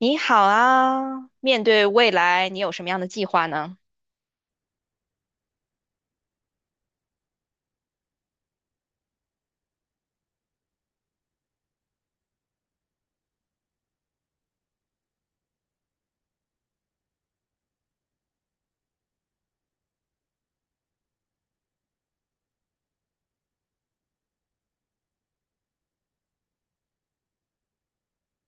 你好啊，面对未来，你有什么样的计划呢？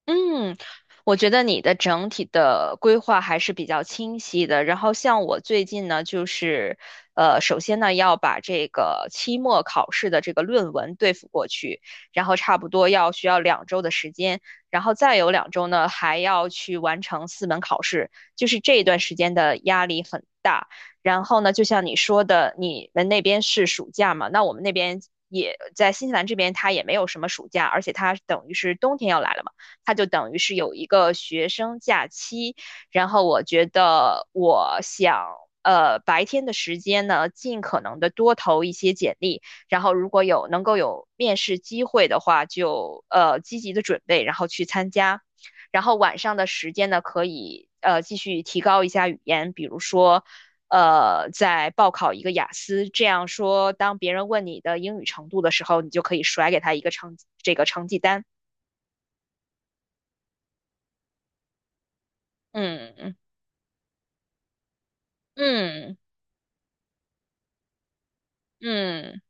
嗯，我觉得你的整体的规划还是比较清晰的。然后像我最近呢，就是首先呢要把这个期末考试的这个论文对付过去，然后差不多要需要两周的时间，然后再有两周呢还要去完成4门考试，就是这一段时间的压力很大。然后呢，就像你说的，你们那边是暑假嘛？那我们那边也在新西兰这边，它也没有什么暑假，而且它等于是冬天要来了嘛。它就等于是有一个学生假期。然后我觉得我想，白天的时间呢，尽可能的多投一些简历，然后如果有能够有面试机会的话，就积极的准备，然后去参加。然后晚上的时间呢，可以继续提高一下语言，比如说。再报考一个雅思，这样说，当别人问你的英语程度的时候，你就可以甩给他一个这个成绩单。嗯嗯。嗯嗯。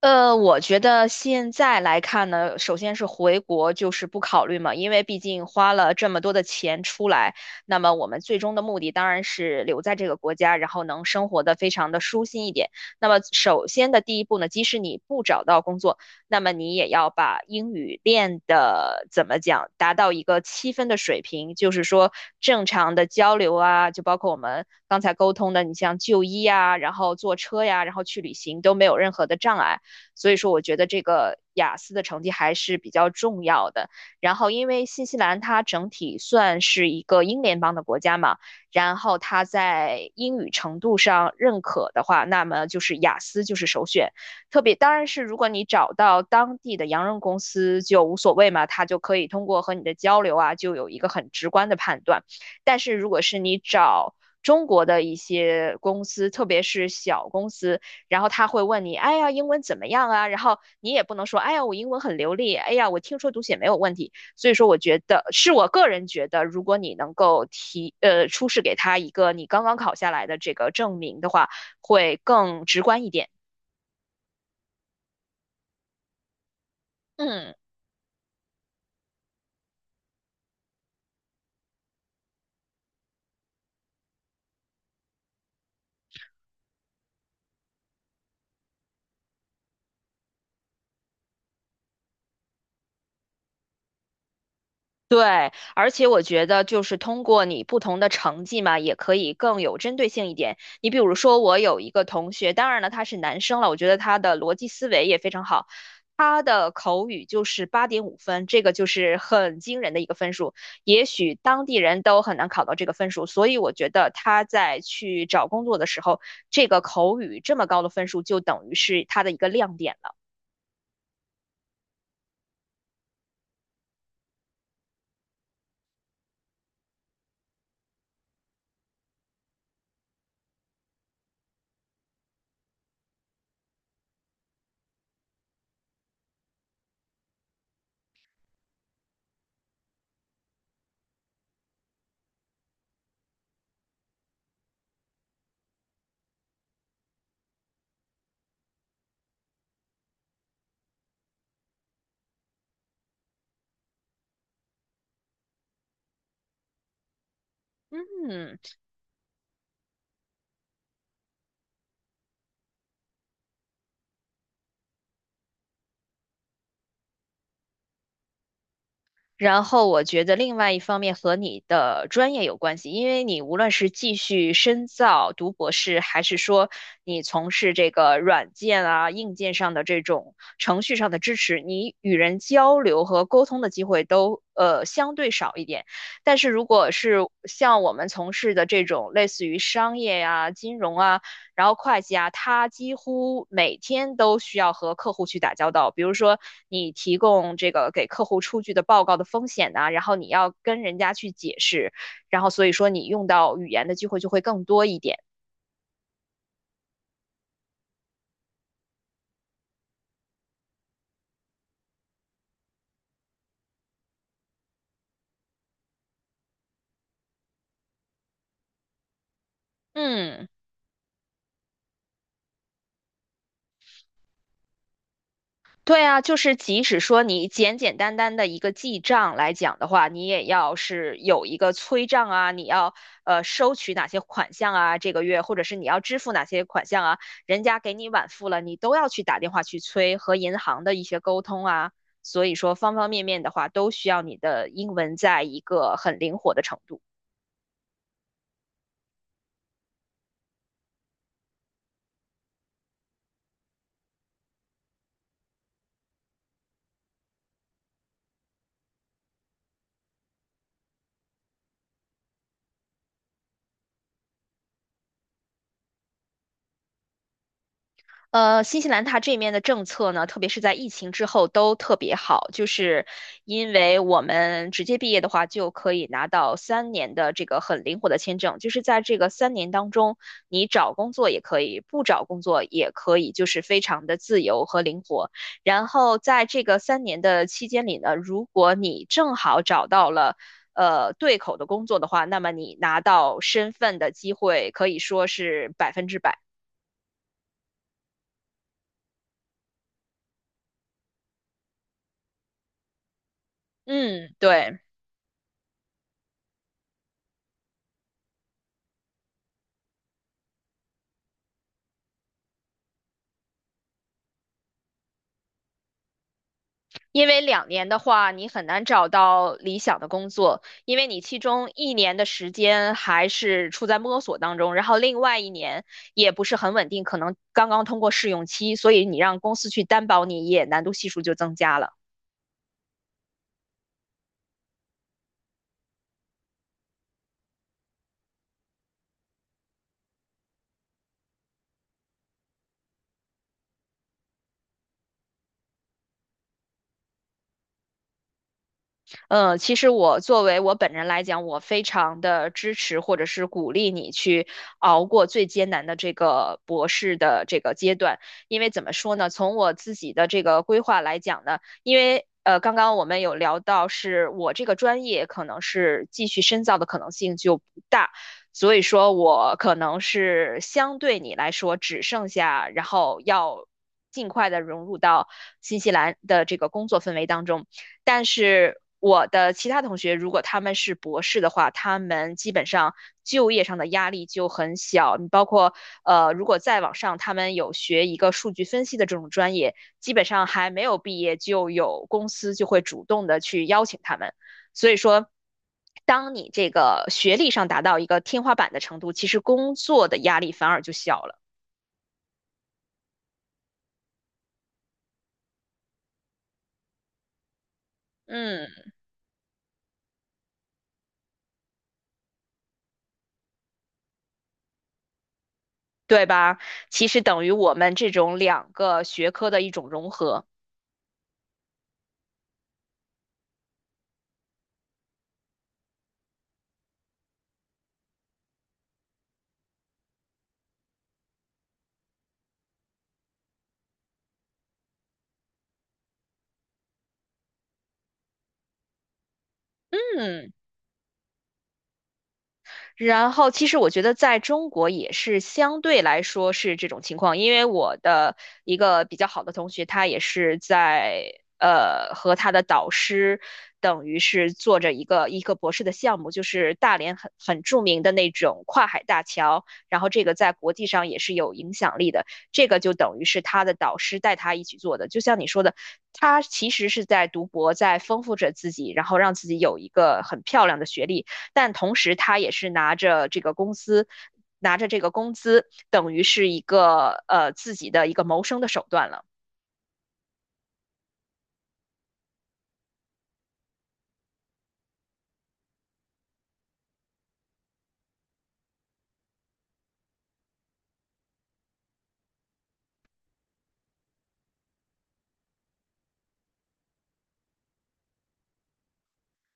我觉得现在来看呢，首先是回国就是不考虑嘛，因为毕竟花了这么多的钱出来，那么我们最终的目的当然是留在这个国家，然后能生活的非常的舒心一点。那么首先的第一步呢，即使你不找到工作，那么你也要把英语练的怎么讲，达到一个7分的水平，就是说正常的交流啊，就包括我们刚才沟通的，你像就医呀，然后坐车呀，然后去旅行都没有任何的障碍。所以说，我觉得这个雅思的成绩还是比较重要的。然后，因为新西兰它整体算是一个英联邦的国家嘛，然后它在英语程度上认可的话，那么就是雅思就是首选。特别当然是如果你找到当地的洋人公司就无所谓嘛，他就可以通过和你的交流啊，就有一个很直观的判断。但是如果是你找中国的一些公司，特别是小公司，然后他会问你，哎呀，英文怎么样啊？然后你也不能说，哎呀，我英文很流利，哎呀，我听说读写没有问题。所以说，我觉得是我个人觉得，如果你能够提，出示给他一个你刚刚考下来的这个证明的话，会更直观一点。嗯。对，而且我觉得就是通过你不同的成绩嘛，也可以更有针对性一点。你比如说，我有一个同学，当然了，他是男生了，我觉得他的逻辑思维也非常好，他的口语就是8.5分，这个就是很惊人的一个分数，也许当地人都很难考到这个分数，所以我觉得他在去找工作的时候，这个口语这么高的分数就等于是他的一个亮点了。嗯。然后我觉得另外一方面和你的专业有关系，因为你无论是继续深造读博士，还是说你从事这个软件啊、硬件上的这种程序上的支持，你与人交流和沟通的机会都相对少一点。但是如果是像我们从事的这种类似于商业呀、金融啊，然后会计啊，他几乎每天都需要和客户去打交道。比如说，你提供这个给客户出具的报告的风险呐、然后你要跟人家去解释，然后所以说你用到语言的机会就会更多一点。嗯。对啊，就是即使说你简简单单的一个记账来讲的话，你也要是有一个催账啊，你要收取哪些款项啊，这个月或者是你要支付哪些款项啊，人家给你晚付了，你都要去打电话去催和银行的一些沟通啊，所以说方方面面的话都需要你的英文在一个很灵活的程度。新西兰它这面的政策呢，特别是在疫情之后都特别好，就是因为我们直接毕业的话，就可以拿到三年的这个很灵活的签证，就是在这个三年当中，你找工作也可以，不找工作也可以，就是非常的自由和灵活。然后在这个三年的期间里呢，如果你正好找到了。对口的工作的话，那么你拿到身份的机会可以说是100%。嗯，对。因为2年的话，你很难找到理想的工作，因为你其中一年的时间还是处在摸索当中，然后另外一年也不是很稳定，可能刚刚通过试用期，所以你让公司去担保你也难度系数就增加了。其实我作为我本人来讲，我非常的支持或者是鼓励你去熬过最艰难的这个博士的这个阶段，因为怎么说呢，从我自己的这个规划来讲呢，因为。呃，刚刚我们有聊到，是我这个专业可能是继续深造的可能性就不大，所以说我可能是相对你来说只剩下，然后要尽快的融入到新西兰的这个工作氛围当中。但是我的其他同学，如果他们是博士的话，他们基本上就业上的压力就很小。你包括如果再往上，他们有学一个数据分析的这种专业，基本上还没有毕业就有公司就会主动的去邀请他们。所以说，当你这个学历上达到一个天花板的程度，其实工作的压力反而就小了。嗯，对吧？其实等于我们这种两个学科的一种融合。嗯。然后，其实我觉得在中国也是相对来说是这种情况，因为我的一个比较好的同学，他也是在和他的导师，等于是做着一个博士的项目，就是大连很著名的那种跨海大桥，然后这个在国际上也是有影响力的，这个就等于是他的导师带他一起做的，就像你说的，他其实是在读博，在丰富着自己，然后让自己有一个很漂亮的学历。但同时他也是拿着这个公司。拿着这个工资，等于是一个自己的一个谋生的手段了。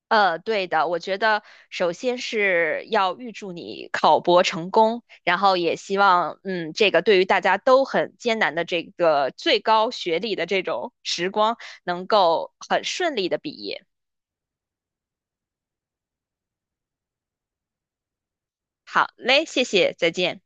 对的，我觉得首先是要预祝你考博成功，然后也希望，嗯，这个对于大家都很艰难的这个最高学历的这种时光，能够很顺利的毕业。好嘞，谢谢，再见。